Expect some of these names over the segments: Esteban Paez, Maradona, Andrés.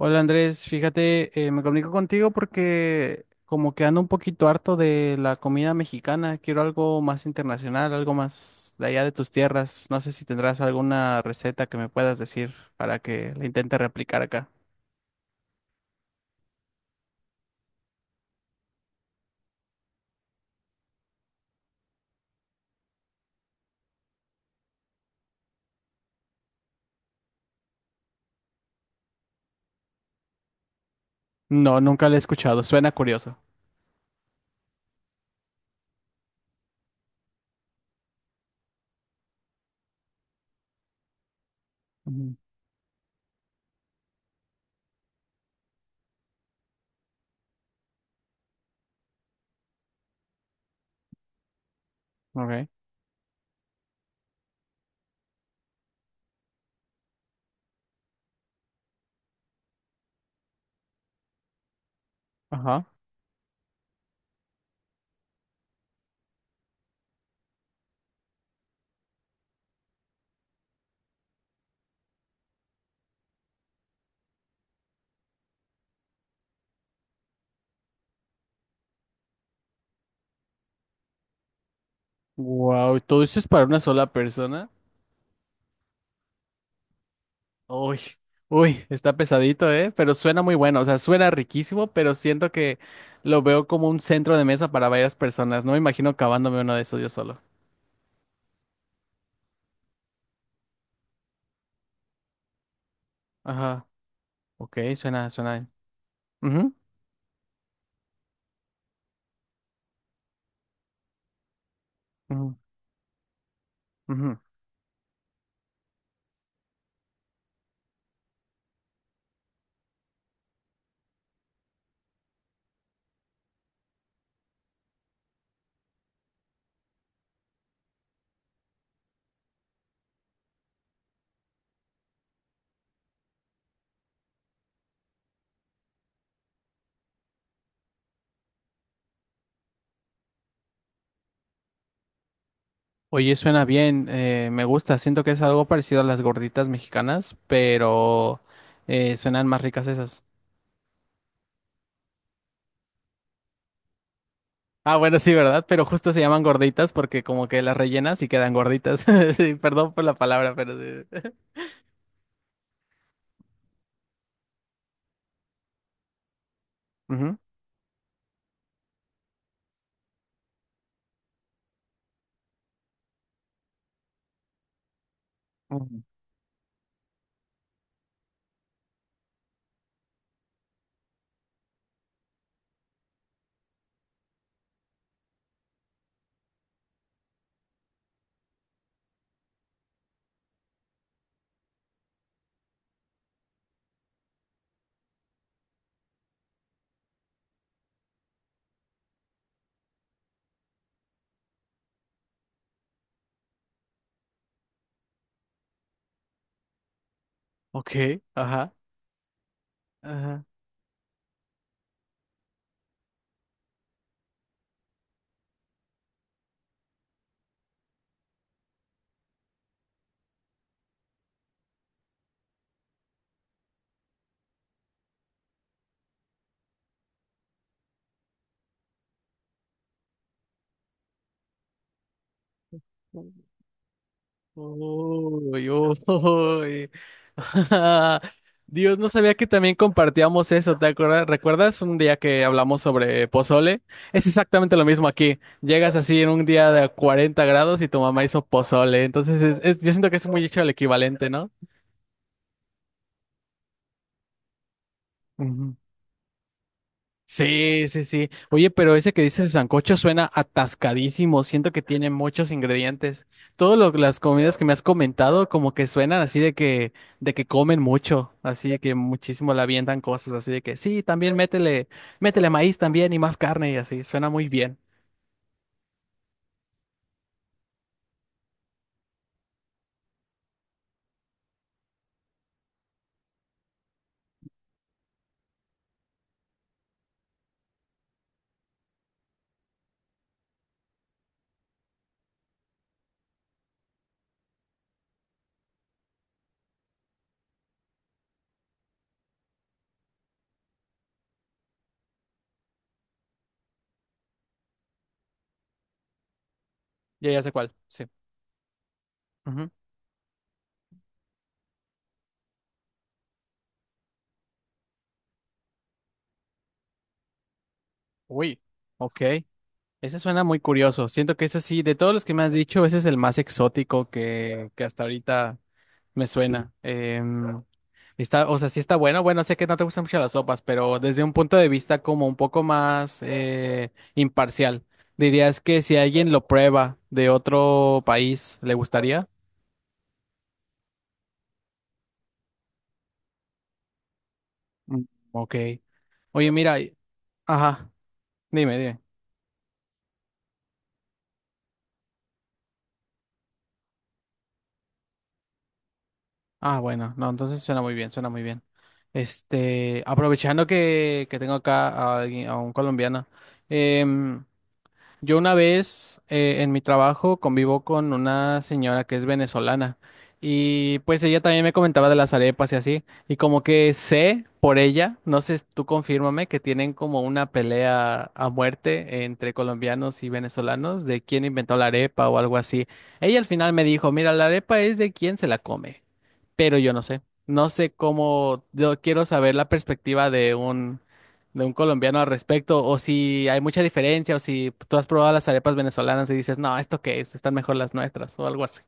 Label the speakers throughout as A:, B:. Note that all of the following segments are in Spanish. A: Hola Andrés, fíjate, me comunico contigo porque como que ando un poquito harto de la comida mexicana, quiero algo más internacional, algo más de allá de tus tierras. No sé si tendrás alguna receta que me puedas decir para que la intente replicar acá. No, nunca la he escuchado, suena curioso. Ujú. Ok. Ajá. Wow, ¿todo eso es para una sola persona? Uy, uy, está pesadito, ¿eh? Pero suena muy bueno, o sea, suena riquísimo, pero siento que lo veo como un centro de mesa para varias personas. No me imagino acabándome uno de esos yo solo. Ajá, ok, suena, suena. Ujú, ujú, ujú. Oye, suena bien, me gusta, siento que es algo parecido a las gorditas mexicanas, pero suenan más ricas esas. Ah, bueno, sí, ¿verdad? Pero justo se llaman gorditas porque como que las rellenas y quedan gorditas. Sí, perdón por la palabra, pero sí. Ujú. Ujú. Ok, ajá. Ajá. Uy, uy. Dios, no sabía que también compartíamos eso, ¿te acuerdas? ¿Recuerdas un día que hablamos sobre pozole? Es exactamente lo mismo aquí. Llegas así en un día de 40 grados y tu mamá hizo pozole, entonces yo siento que es muy hecho el equivalente, ¿no? Sí, sí, sí. Oye, pero ese que dices de sancocho suena atascadísimo. Siento que tiene muchos ingredientes. Todas las comidas que me has comentado como que suenan así de que comen mucho, así de que muchísimo le avientan cosas, así de que sí, también métele, métele maíz también y más carne y así. Suena muy bien. Ya, ya sé cuál. Sí. Ujú. Uy, ok. Ese suena muy curioso. Siento que ese sí, de todos los que me has dicho, ese es el más exótico que hasta ahorita me suena. Está, o sea, sí está bueno. Bueno, sé que no te gustan mucho las sopas, pero desde un punto de vista como un poco más imparcial, dirías que si alguien lo prueba de otro país, ¿le gustaría? Mm, ok. Oye, mira, y- ajá, dime, dime. Ah, bueno, no, entonces suena muy bien, suena muy bien. Este, aprovechando que tengo acá a alguien, a un colombiano, em, yo una vez en mi trabajo convivo con una señora que es venezolana y pues ella también me comentaba de las arepas y así y como que sé por ella, no sé, tú confírmame que tienen como una pelea a muerte entre colombianos y venezolanos de quién inventó la arepa o algo así. Ella al final me dijo, mira, la arepa es de quién se la come, pero yo no sé, no sé cómo, yo quiero saber la perspectiva de un colombiano al respecto, o si hay mucha diferencia, o si tú has probado las arepas venezolanas y dices, no, ¿esto qué es? Están mejor las nuestras, o algo así.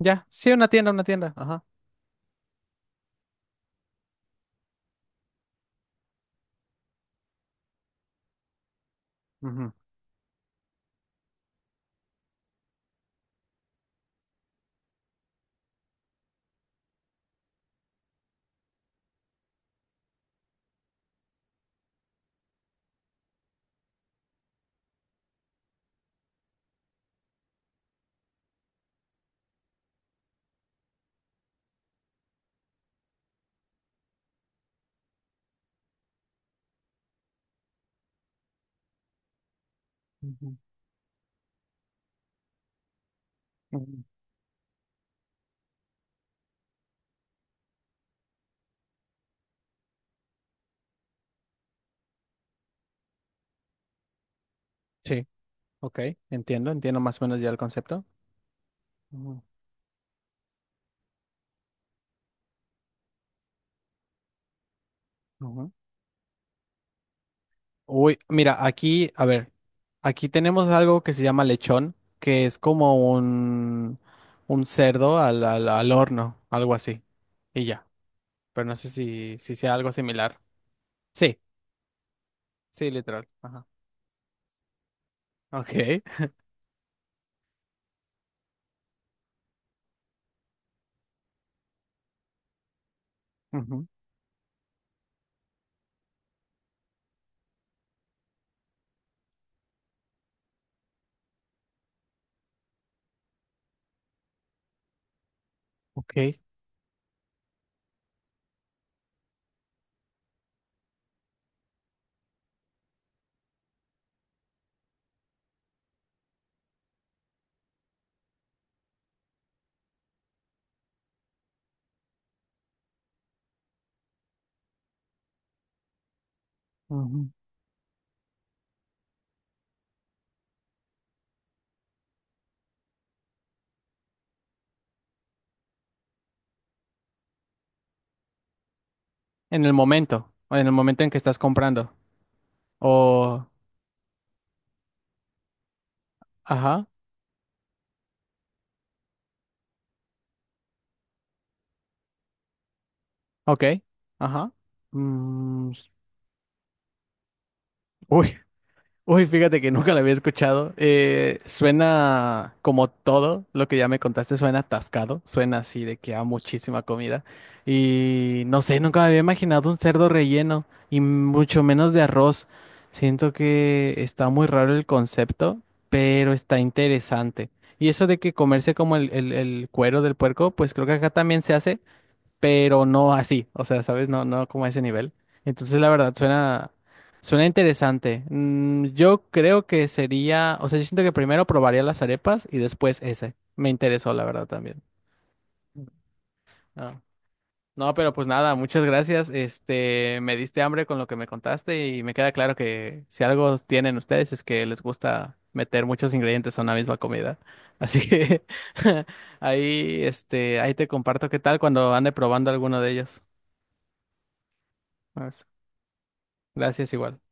A: Ya, sí, una tienda, una tienda. Ajá. Ujú, ujú, ujú. Sí, ok, entiendo, entiendo más o menos ya el concepto. Ujú, ujú. Uy, mira, aquí, a ver, aquí tenemos algo que se llama lechón, que es como un cerdo al, al horno, algo así. Y ya, pero no sé si, si sea algo similar. Sí, sí, literal. Ajá. Okay. Ujú. Ok. Ujú. En el momento, o en el momento en que estás comprando. O, ajá, ok, ajá. Mm, uy, uy, fíjate que nunca la había escuchado. Suena como todo lo que ya me contaste, suena atascado, suena así de que hay muchísima comida. Y no sé, nunca me había imaginado un cerdo relleno y mucho menos de arroz. Siento que está muy raro el concepto, pero está interesante. Y eso de que comerse como el, el cuero del puerco, pues creo que acá también se hace pero no así, o sea, ¿sabes? No, no como a ese nivel. Entonces, la verdad, suena, suena interesante. Mm, yo creo que sería, o sea, yo siento que primero probaría las arepas y después ese. Me interesó, la verdad, también. Ah, no, pero pues nada, muchas gracias. Este, me diste hambre con lo que me contaste y me queda claro que si algo tienen ustedes es que les gusta meter muchos ingredientes a una misma comida. Así que ahí, este, ahí te comparto qué tal cuando ande probando alguno de ellos. Gracias igual.